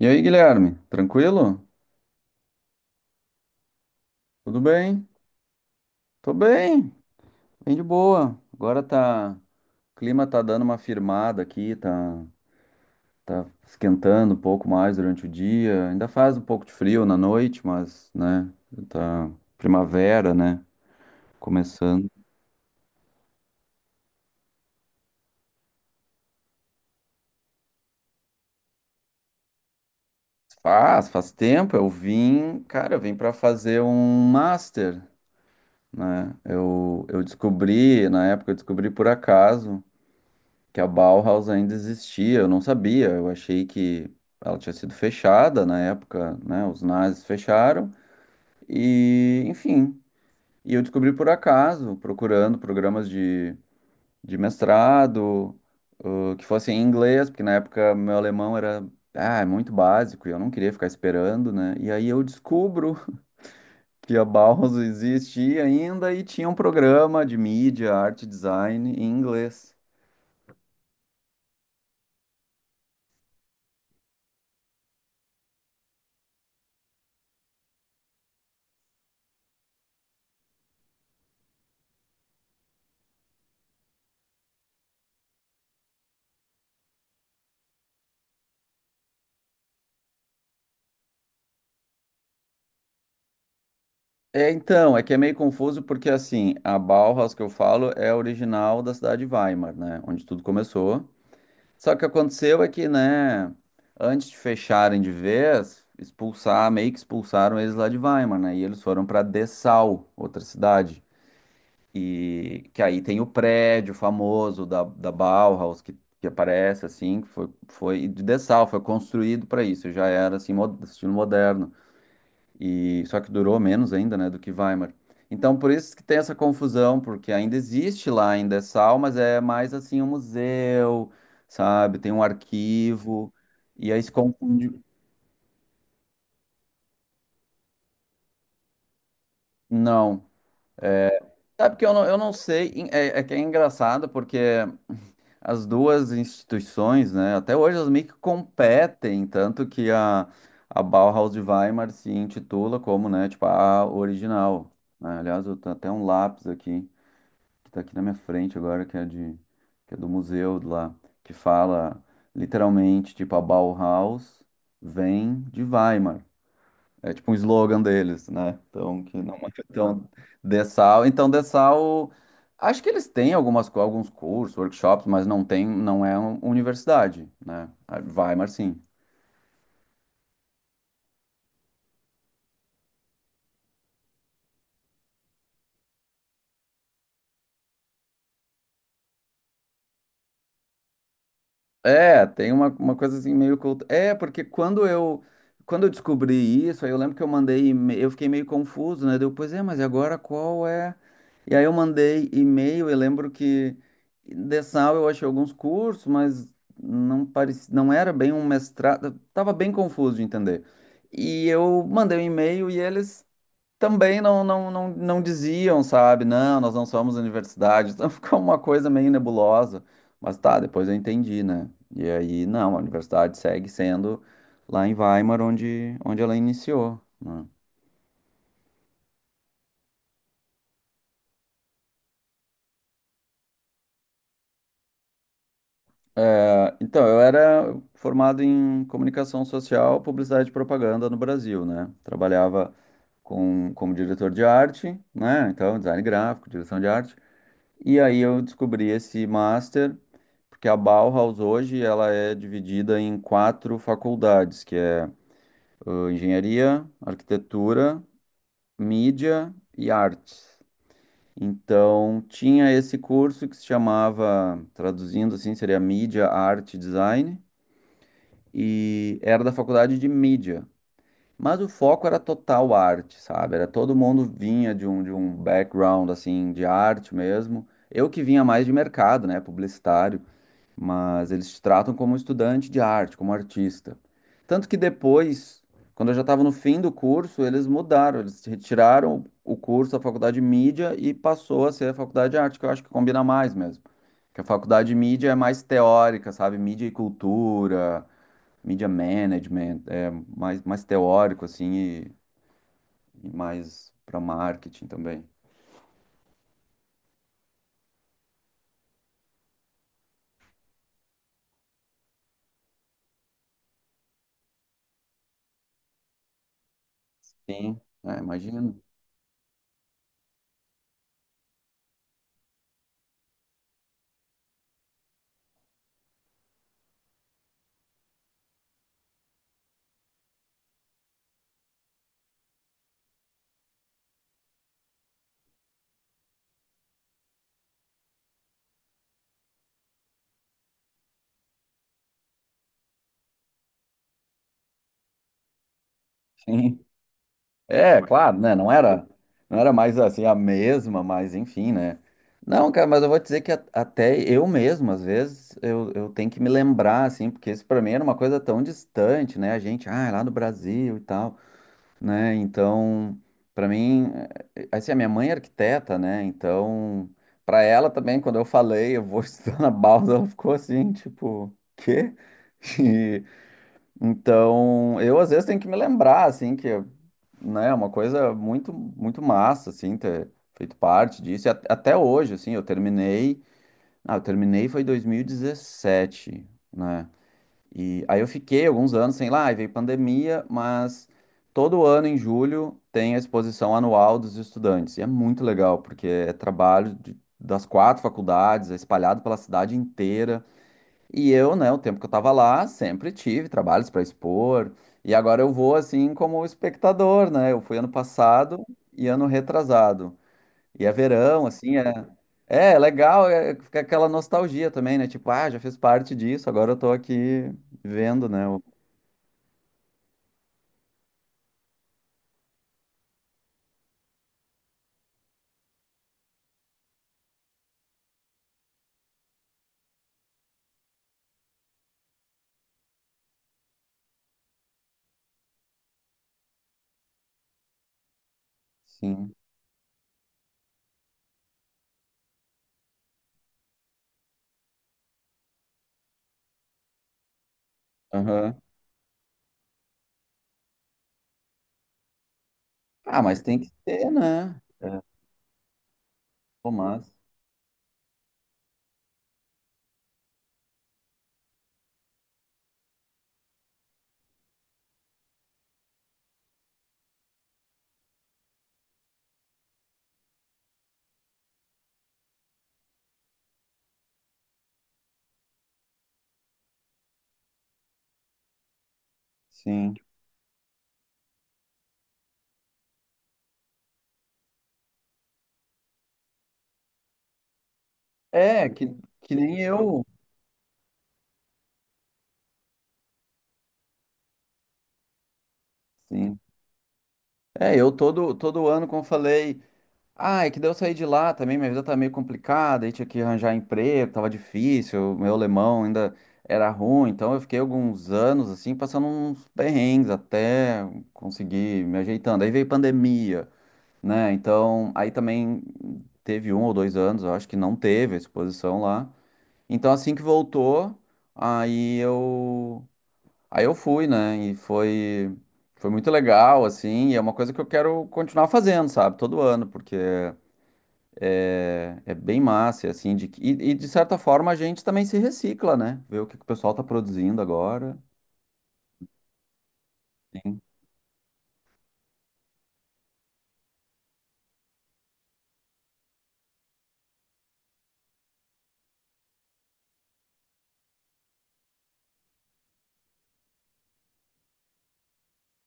E aí, Guilherme, tranquilo? Tudo bem? Tô bem, bem de boa. Agora tá, o clima tá dando uma firmada aqui, tá, tá esquentando um pouco mais durante o dia. Ainda faz um pouco de frio na noite, mas, né, tá primavera, né, começando. Faz tempo. Eu vim, cara, eu vim pra fazer um master, né? Eu descobri, na época eu descobri por acaso que a Bauhaus ainda existia, eu não sabia, eu achei que ela tinha sido fechada na época, né? Os nazis fecharam e, enfim, e eu descobri por acaso, procurando programas de mestrado, que fossem em inglês, porque na época meu alemão era muito básico e eu não queria ficar esperando, né? E aí eu descubro que a Bauhaus existia ainda e tinha um programa de mídia, arte, e design em inglês. É, então, é que é meio confuso porque, assim, a Bauhaus que eu falo é original da cidade de Weimar, né? Onde tudo começou. Só que o que aconteceu é que, né, antes de fecharem de vez, expulsar, meio que expulsaram eles lá de Weimar, né? E eles foram para Dessau, outra cidade. E que aí tem o prédio famoso da, da Bauhaus que aparece, assim, que foi, foi de Dessau, foi construído para isso, já era, assim, estilo moderno. E só que durou menos ainda, né, do que Weimar. Então, por isso que tem essa confusão, porque ainda existe lá, ainda é sal, mas é mais assim um museu, sabe? Tem um arquivo, e aí se confunde. Não. Sabe que eu não sei, é, é que é engraçado, porque as duas instituições, né, até hoje elas meio que competem, tanto que a Bauhaus de Weimar se intitula como, né, tipo, a original, né? Aliás, eu tenho até um lápis aqui, que tá aqui na minha frente agora, que é de, que é do museu de lá, que fala literalmente, tipo, a Bauhaus vem de Weimar. É tipo um slogan deles, né? Então, que não, então, então Dessau, acho que eles têm algumas, alguns cursos, workshops, mas não tem, não é uma universidade, né? A Weimar, sim. É, tem uma coisa assim meio culta. É, porque quando eu descobri isso, aí eu lembro que eu mandei, eu fiquei meio confuso, né? Deu, pois é, mas e agora qual é? E aí eu mandei e-mail, eu lembro que dessal eu achei alguns cursos, mas não parecia, não era bem um mestrado, eu tava bem confuso de entender. E eu mandei um e-mail e eles também não diziam, sabe? Não, nós não somos universidade. Então ficou uma coisa meio nebulosa. Mas tá, depois eu entendi, né? E aí, não, a universidade segue sendo lá em Weimar, onde, onde ela iniciou, né? É, então, eu era formado em comunicação social, publicidade e propaganda no Brasil, né? Trabalhava com, como diretor de arte, né? Então, design gráfico, direção de arte. E aí eu descobri esse master, porque a Bauhaus hoje ela é dividida em quatro faculdades, que é engenharia, arquitetura, mídia e artes. Então tinha esse curso que se chamava, traduzindo assim, seria mídia, arte, e design, e era da faculdade de mídia. Mas o foco era total arte, sabe? Era todo mundo vinha de um background assim de arte mesmo. Eu que vinha mais de mercado, né? Publicitário. Mas eles te tratam como um estudante de arte, como artista. Tanto que depois, quando eu já estava no fim do curso, eles mudaram, eles retiraram o curso da faculdade de mídia e passou a ser a faculdade de arte, que eu acho que combina mais mesmo. Que a faculdade de mídia é mais teórica, sabe? Mídia e cultura, mídia management, é mais, mais teórico, assim, e mais para marketing também. Sim, é, imagino. Sim. É, claro, né? Não era, não era mais assim a mesma, mas enfim, né? Não, cara, mas eu vou te dizer que até eu mesmo, às vezes, eu tenho que me lembrar, assim, porque isso pra mim era uma coisa tão distante, né? A gente, ah, é lá no Brasil e tal, né? Então, pra mim, assim, a minha mãe é arquiteta, né? Então, pra ela também, quando eu falei, eu vou estudar na Bauhaus, ela ficou assim, tipo, quê? Então, eu às vezes tenho que me lembrar, assim, que, né, é uma coisa muito, muito massa, assim, ter feito parte disso. E até hoje, assim, eu terminei, eu terminei foi em 2017, né? E aí eu fiquei alguns anos sem live e veio pandemia, mas todo ano em julho tem a exposição anual dos estudantes. E é muito legal, porque é das quatro faculdades, é espalhado pela cidade inteira. E eu, né, o tempo que eu tava lá, sempre tive trabalhos para expor. E agora eu vou assim como espectador, né? Eu fui ano passado e ano retrasado. E é verão, assim, é legal, é, fica aquela nostalgia também, né? Tipo, ah, já fiz parte disso, agora eu tô aqui vendo, né? O- Sim. Aham. Ah, mas tem que ter, né? É, pô, mas, sim. É, que nem eu. Sim. É, todo ano, como eu falei, ah, é que daí eu saí de lá também, minha vida tá meio complicada, aí tinha que arranjar emprego, tava difícil, meu alemão ainda era ruim, então eu fiquei alguns anos assim, passando uns perrengues até conseguir me ajeitando. Aí veio pandemia, né? Então, aí também teve um ou dois anos, eu acho que não teve a exposição lá. Então, assim que voltou, aí eu aí eu fui, né? E foi foi muito legal assim, e é uma coisa que eu quero continuar fazendo, sabe? Todo ano, porque é é bem massa, assim, e de certa forma a gente também se recicla, né? Ver o que, que o pessoal tá produzindo agora. Sim.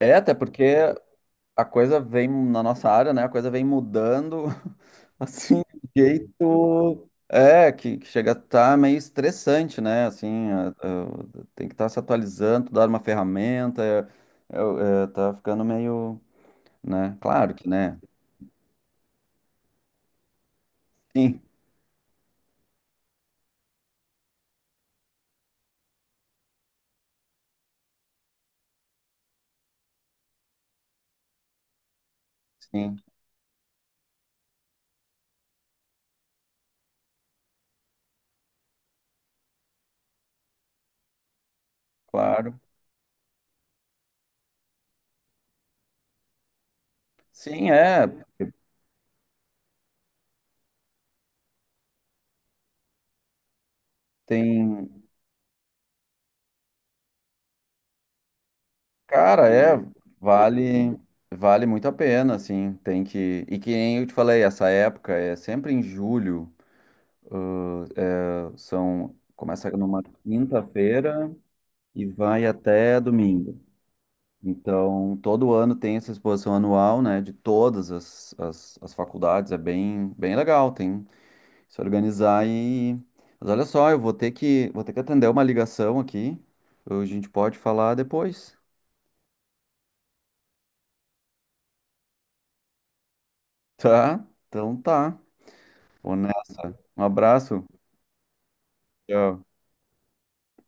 É, até porque a coisa vem na nossa área, né? A coisa vem mudando, assim, de jeito. É, que chega a estar meio estressante, né? Assim, tem que estar se atualizando, dar uma ferramenta, é, tá ficando meio, né? Claro que, né? Sim, sim, claro. Sim, é, tem. Cara, é, vale, vale muito a pena, assim, tem que, e que nem eu te falei, essa época é sempre em julho, são, começa numa quinta-feira e vai até domingo. Então, todo ano tem essa exposição anual, né, de todas as, as, as faculdades, é bem, bem legal, tem que se organizar e... Mas olha só, eu vou ter que atender uma ligação aqui, a gente pode falar depois, tá? Então tá. Vou nessa. Um abraço. Tchau.